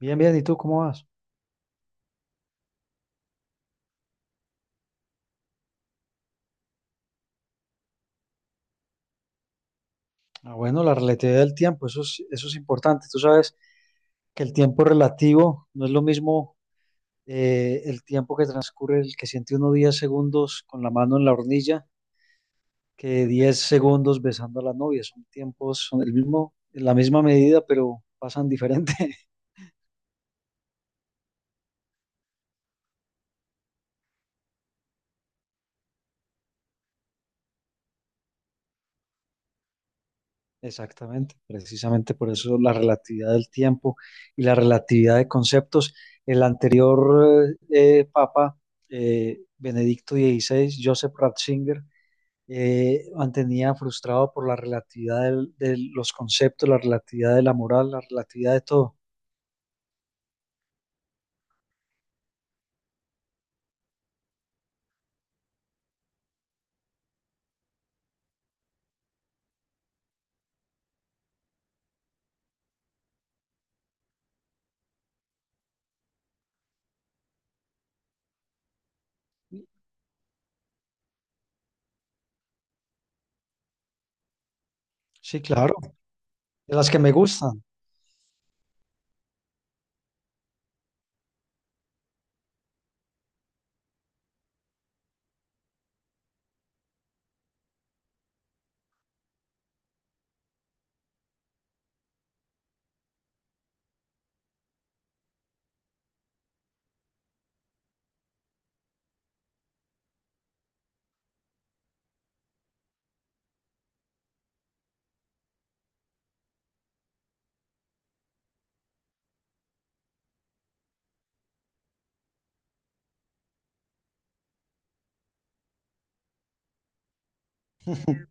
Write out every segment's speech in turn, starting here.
Bien, bien, ¿y tú cómo vas? Ah, bueno, la relatividad del tiempo, eso es importante. Tú sabes que el tiempo relativo no es lo mismo el tiempo que transcurre, el que siente uno diez segundos con la mano en la hornilla, que 10 segundos besando a la novia. Son tiempos, son el mismo, la misma medida, pero pasan diferente. Exactamente, precisamente por eso la relatividad del tiempo y la relatividad de conceptos. El anterior papa, Benedicto dieciséis, Joseph Ratzinger, mantenía frustrado por la relatividad de los conceptos, la relatividad de la moral, la relatividad de todo. Sí, claro, de las que me gustan.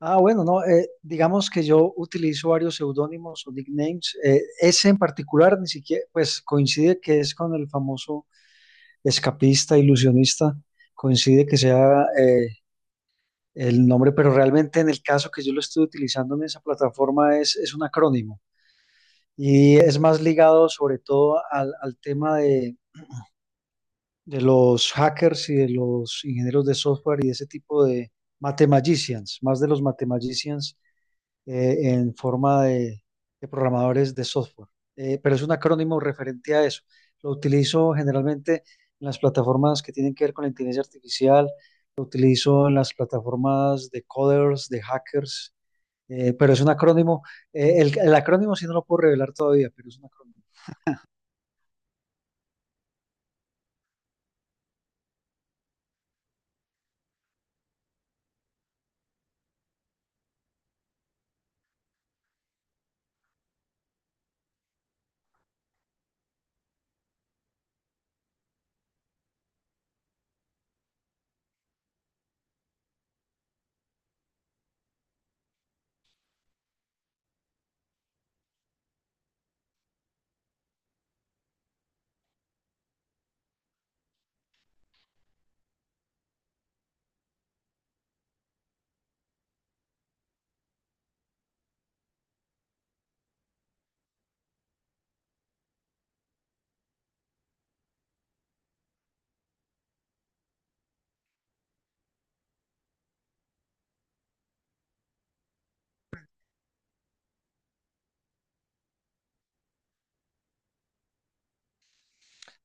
Ah, bueno, no, digamos que yo utilizo varios seudónimos o nicknames. Ese en particular ni siquiera, pues coincide que es con el famoso escapista, ilusionista, coincide que sea el nombre, pero realmente en el caso que yo lo estoy utilizando en esa plataforma es un acrónimo y es más ligado sobre todo al tema de los hackers y de los ingenieros de software y de ese tipo de mathemagicians, más de los mathemagicians en forma de programadores de software. Pero es un acrónimo referente a eso. Lo utilizo generalmente en las plataformas que tienen que ver con la inteligencia artificial, lo utilizo en las plataformas de coders, de hackers, pero es un acrónimo. El acrónimo sí no lo puedo revelar todavía, pero es un acrónimo.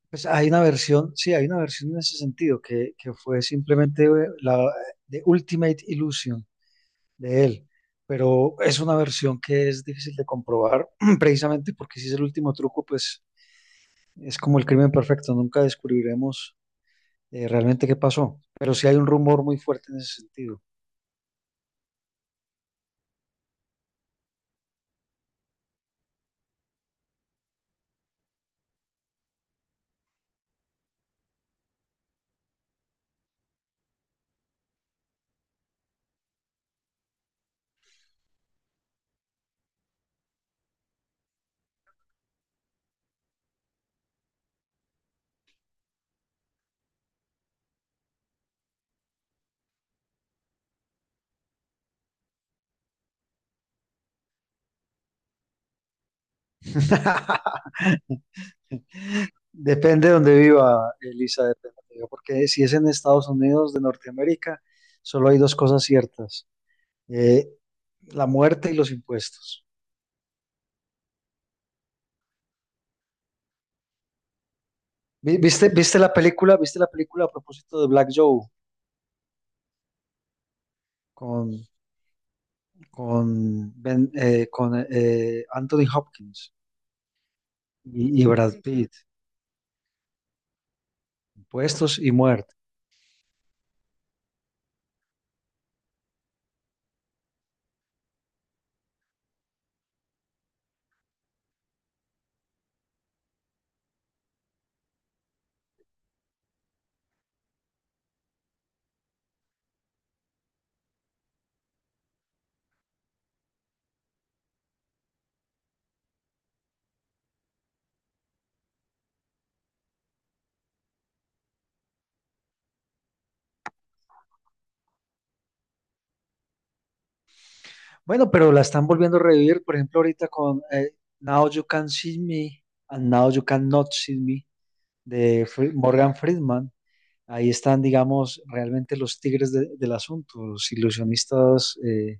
Pues hay una versión, sí, hay una versión en ese sentido que fue simplemente la de Ultimate Illusion de él, pero es una versión que es difícil de comprobar precisamente porque si es el último truco, pues es como el crimen perfecto, nunca descubriremos realmente qué pasó, pero sí hay un rumor muy fuerte en ese sentido. Depende de donde viva, Elisa, depende donde viva, porque si es en Estados Unidos de Norteamérica, solo hay dos cosas ciertas, eh, la muerte y los impuestos. ¿Viste la película? ¿Viste la película a propósito de Black Joe con con Anthony Hopkins y Brad Pitt, Puestos y Muerte. Bueno, pero la están volviendo a revivir, por ejemplo, ahorita con Now You Can See Me and Now You Can Not See Me de Morgan Friedman. Ahí están, digamos, realmente los tigres del asunto, los ilusionistas, eh,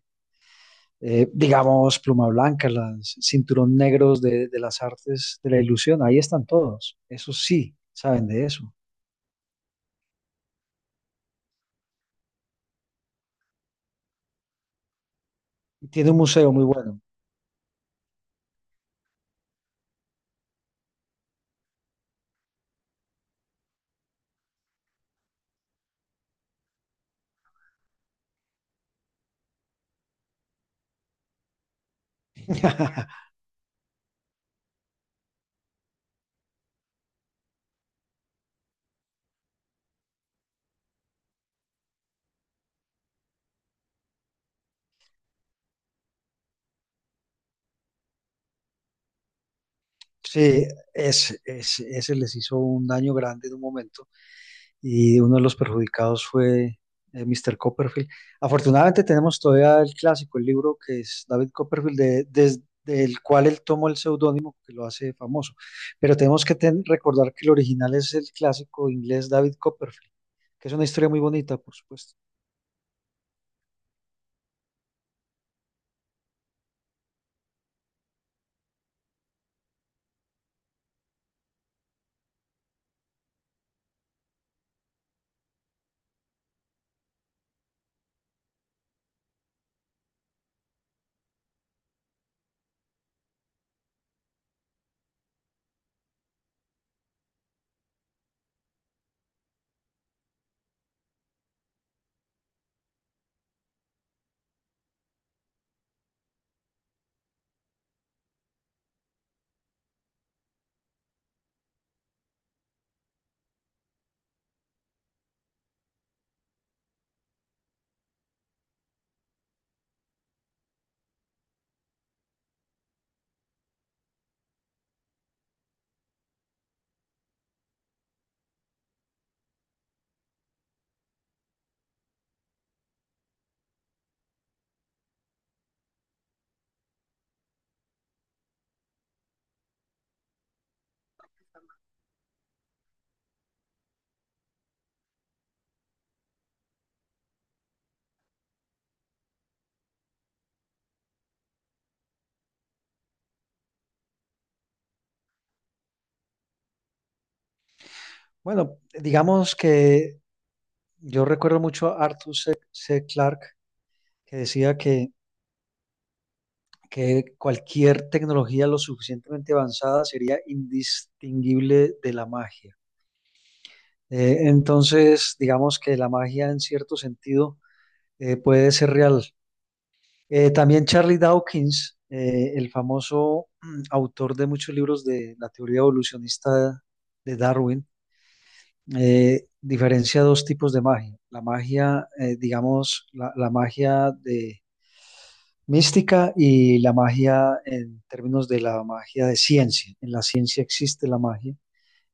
eh, digamos, pluma blanca, los cinturón negros de las artes de la ilusión. Ahí están todos. Eso sí, saben de eso. Y tiene un museo muy bueno. Sí, ese les hizo un daño grande en un momento y uno de los perjudicados fue Mr. Copperfield. Afortunadamente tenemos todavía el clásico, el libro que es David Copperfield, desde el cual él tomó el seudónimo que lo hace famoso. Pero tenemos que recordar que el original es el clásico inglés David Copperfield, que es una historia muy bonita, por supuesto. Bueno, digamos que yo recuerdo mucho a Arthur C. Clarke, que decía que cualquier tecnología lo suficientemente avanzada sería indistinguible de la magia. Entonces, digamos que la magia en cierto sentido puede ser real. También Charlie Dawkins, el famoso autor de muchos libros de la teoría evolucionista de Darwin, diferencia dos tipos de magia. La magia, digamos, la magia de mística y la magia en términos de la magia de ciencia. En la ciencia existe la magia,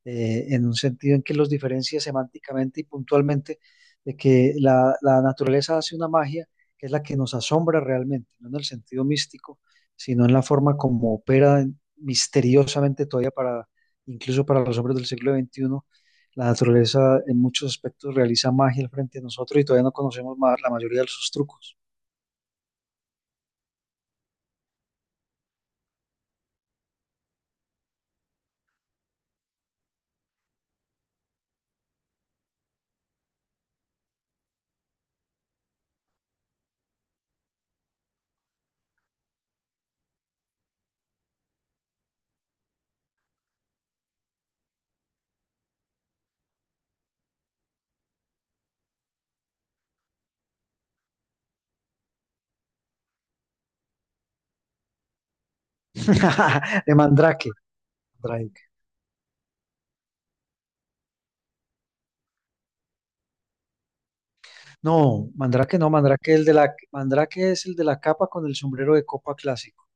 en un sentido en que los diferencia semánticamente y puntualmente de que la naturaleza hace una magia que es la que nos asombra realmente, no en el sentido místico, sino en la forma como opera misteriosamente todavía para, incluso para los hombres del siglo XXI. La naturaleza en muchos aspectos realiza magia al frente de nosotros y todavía no conocemos más la mayoría de sus trucos. De mandrake. Mandrake. No, Mandrake no, Mandrake, el de la, Mandrake es el de la capa con el sombrero de copa clásico.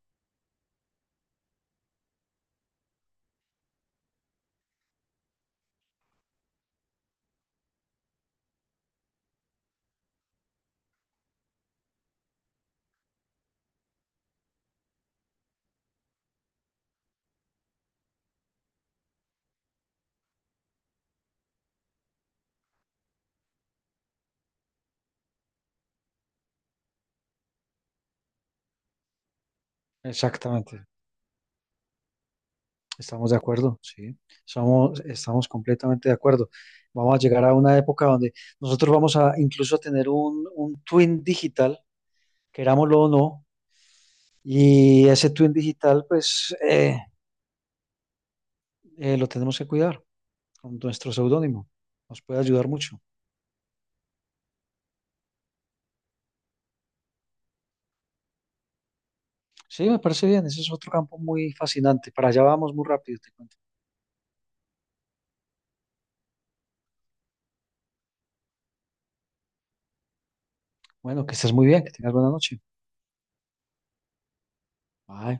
Exactamente, estamos de acuerdo, sí, somos, estamos completamente de acuerdo. Vamos a llegar a una época donde nosotros vamos a incluso a tener un twin digital, querámoslo o no, y ese twin digital, pues lo tenemos que cuidar con nuestro seudónimo. Nos puede ayudar mucho. Sí, me parece bien, ese es otro campo muy fascinante. Para allá vamos muy rápido, te cuento. Bueno, que estés muy bien, que tengas buena noche. Ah,